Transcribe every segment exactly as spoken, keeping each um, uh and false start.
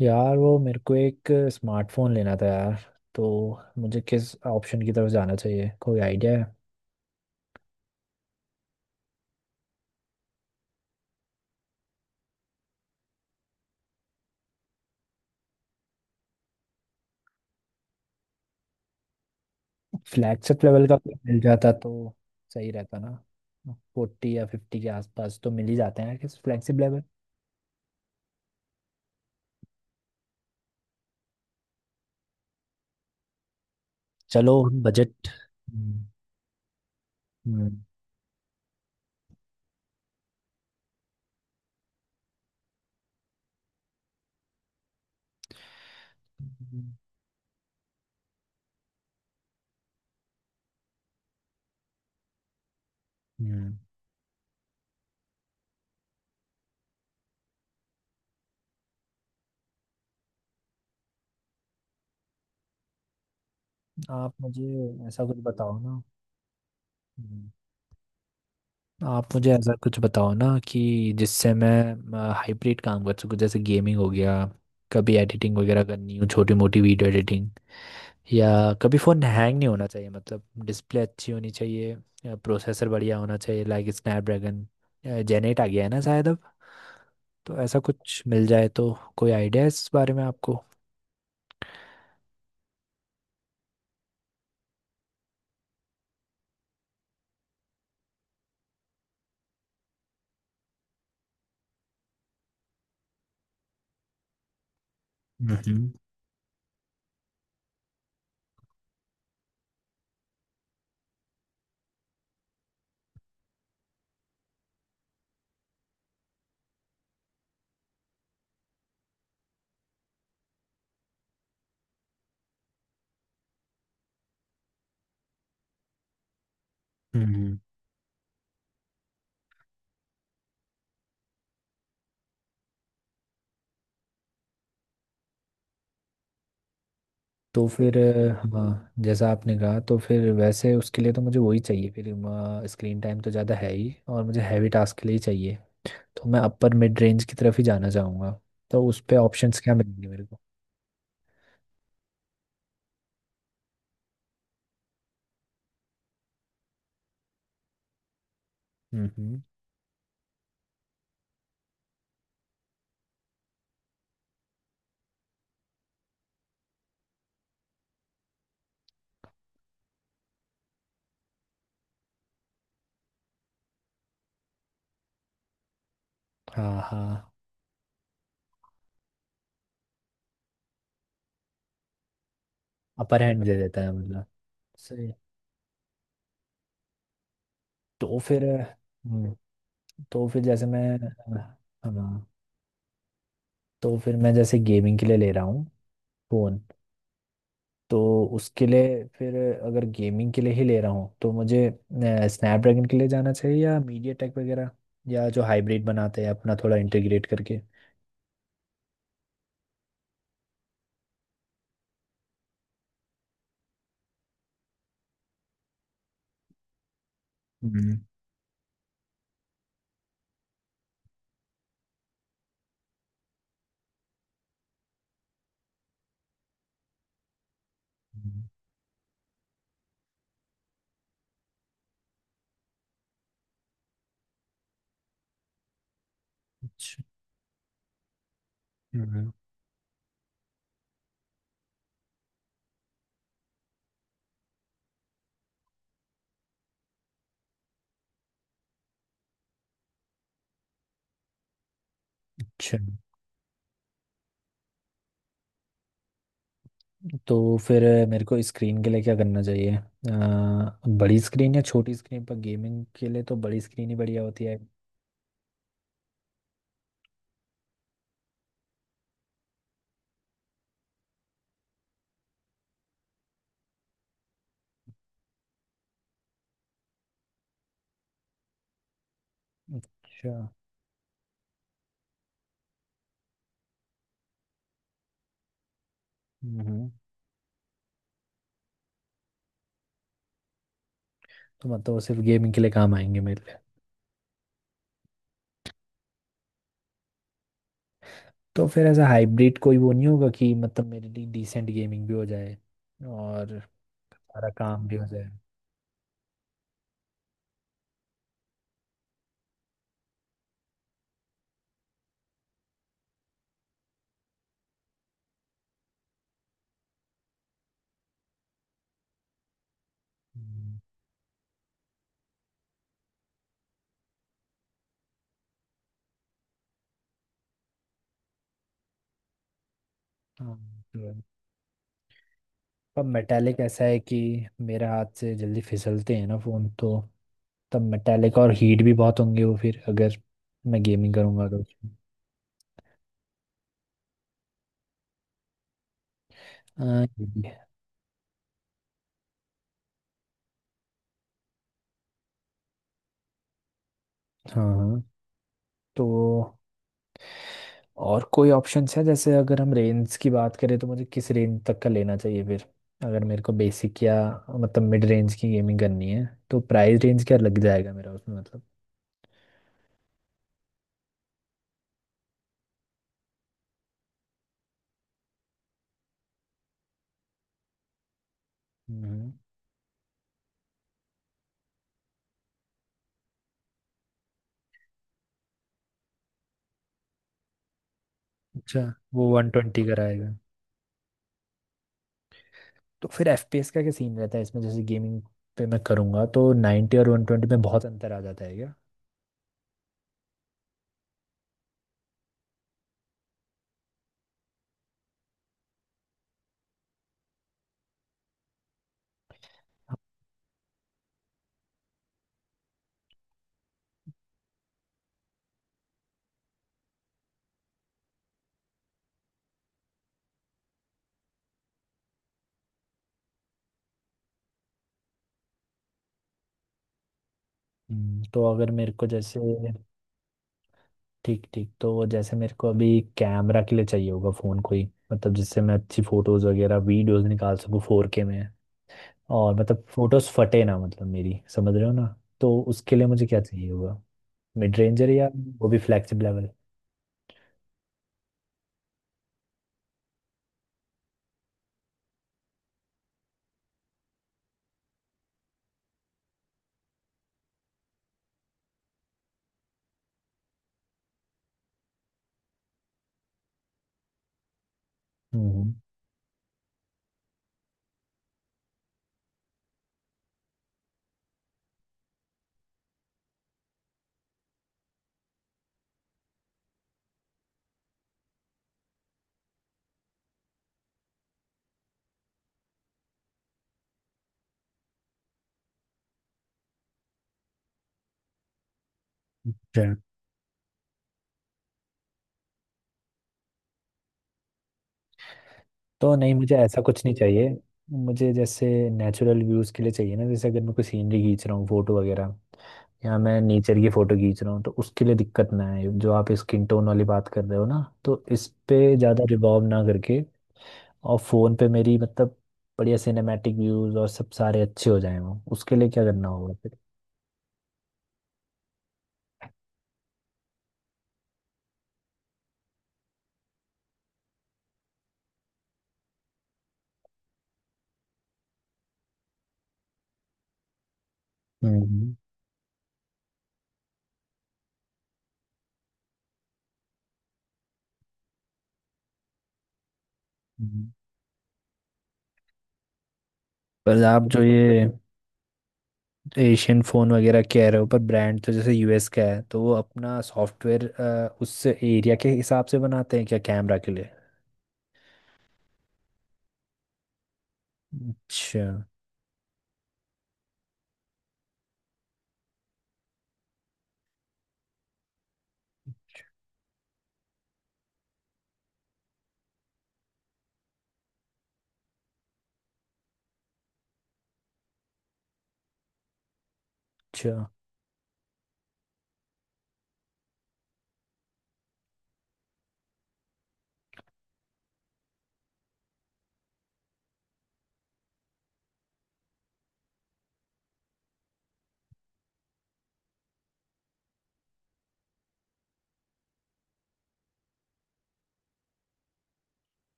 यार, वो मेरे को एक स्मार्टफोन लेना था यार। तो मुझे किस ऑप्शन की तरफ जाना चाहिए? कोई आइडिया है? फ्लैगशिप लेवल का कोई मिल जाता तो सही रहता ना। फोर्टी या फिफ्टी के आसपास तो मिल ही जाते हैं किस फ्लैगशिप लेवल। चलो, बजट। हम्म। हम्म। हम्म। आप मुझे ऐसा कुछ बताओ ना। हम्म। आप मुझे ऐसा कुछ बताओ ना कि जिससे मैं हाइब्रिड काम कर सकूं, जैसे गेमिंग हो गया, कभी एडिटिंग वगैरह करनी हो, छोटी मोटी वीडियो एडिटिंग, या कभी फ़ोन हैंग नहीं होना चाहिए, मतलब डिस्प्ले अच्छी होनी चाहिए या प्रोसेसर बढ़िया होना चाहिए, लाइक स्नैपड्रैगन जेन एट आ गया है ना शायद अब। तो ऐसा कुछ मिल जाए तो। कोई आइडिया है इस बारे में आपको? हम्म। हम्म। तो फिर अ, हाँ, जैसा आपने कहा, तो फिर वैसे उसके लिए तो मुझे वही चाहिए फिर। स्क्रीन टाइम तो ज़्यादा है ही और मुझे हैवी टास्क के लिए ही चाहिए। तो मैं अपर मिड रेंज की तरफ ही जाना चाहूँगा। तो उस पे ऑप्शंस क्या मिलेंगे मेरे को? हम्म। हाँ हाँ, अपर हैंड दे देता है मतलब। सही। तो फिर हम्म, तो फिर जैसे मैं हाँ, तो फिर मैं जैसे गेमिंग के लिए ले रहा हूँ फ़ोन। तो उसके लिए फिर अगर गेमिंग के लिए ही ले रहा हूँ तो मुझे स्नैपड्रैगन के लिए जाना चाहिए या मीडिया टेक वगैरह, या जो हाइब्रिड बनाते हैं अपना थोड़ा इंटीग्रेट करके। हम्म। हम्म। अच्छा। हम्म। अच्छा। तो फिर मेरे को स्क्रीन के लिए क्या करना चाहिए? अ, बड़ी स्क्रीन या छोटी स्क्रीन? पर गेमिंग के लिए तो बड़ी स्क्रीन ही बढ़िया होती है। अच्छा। हम्म। तो मतलब वो सिर्फ गेमिंग के लिए काम आएंगे मेरे लिए? तो फिर ऐसा हाइब्रिड कोई वो नहीं होगा कि मतलब मेरे लिए डिसेंट गेमिंग भी हो जाए और सारा काम भी हो जाए? हम्म। हाँ, तो है। पर मेटालिक ऐसा है कि मेरा हाथ से जल्दी फिसलते हैं ना फ़ोन। तो तब मेटालिक और हीट भी बहुत होंगे वो, फिर अगर मैं गेमिंग करूँगा तो। हाँ। हाँ हाँ। तो और कोई ऑप्शंस है? जैसे अगर हम रेंज की बात करें तो मुझे किस रेंज तक का लेना चाहिए फिर? अगर मेरे को बेसिक या मतलब मिड रेंज की गेमिंग करनी है तो प्राइस रेंज क्या लग जाएगा मेरा उसमें, मतलब? हम्म। अच्छा। वो वन ट्वेंटी का रहेगा? तो फिर एफपीएस का क्या सीन रहता है इसमें, जैसे गेमिंग पे मैं करूँगा तो नाइन्टी और वन ट्वेंटी में बहुत अंतर आ जाता है क्या? हम्म, तो अगर मेरे को जैसे ठीक ठीक, तो वो जैसे मेरे को अभी कैमरा के लिए चाहिए होगा फ़ोन कोई, मतलब जिससे मैं अच्छी फ़ोटोज़ वगैरह वीडियोज़ निकाल सकूँ फोर के में। और मतलब फ़ोटोज़ फटे ना, मतलब मेरी, समझ रहे हो ना? तो उसके लिए मुझे क्या चाहिए होगा? मिड रेंजर या वो भी फ्लैगशिप लेवल? हम्म। तो नहीं, मुझे ऐसा कुछ नहीं चाहिए। मुझे जैसे नेचुरल व्यूज़ के लिए चाहिए ना, जैसे अगर मैं कोई सीनरी खींच रहा हूँ फोटो वगैरह, या मैं नेचर की फोटो खींच रहा हूँ तो उसके लिए दिक्कत ना आए, जो आप स्किन टोन वाली बात कर रहे हो ना तो इस पे ज़्यादा रिवॉल्व ना करके। और फ़ोन पे मेरी मतलब बढ़िया सिनेमैटिक व्यूज़ और सब सारे अच्छे हो जाएं वो, उसके लिए क्या करना होगा फिर? हम्म। हम्म। पर आप जो ये एशियन फ़ोन वगैरह कह रहे हो, पर ब्रांड तो जैसे यूएस का है तो वो अपना सॉफ्टवेयर उस एरिया के हिसाब से बनाते हैं क्या कैमरा के लिए? अच्छा। अच्छा,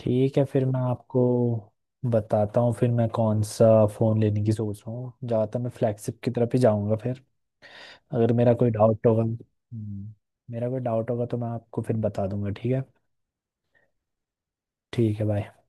ठीक है, फिर मैं आपको बताता हूँ फिर मैं कौन सा फ़ोन लेने की सोच रहा हूँ। ज़्यादातर मैं फ्लैगशिप की तरफ ही जाऊँगा फिर। अगर मेरा कोई डाउट होगा हम्म, मेरा कोई डाउट होगा तो मैं आपको फिर बता दूंगा, ठीक है? ठीक है, बाय।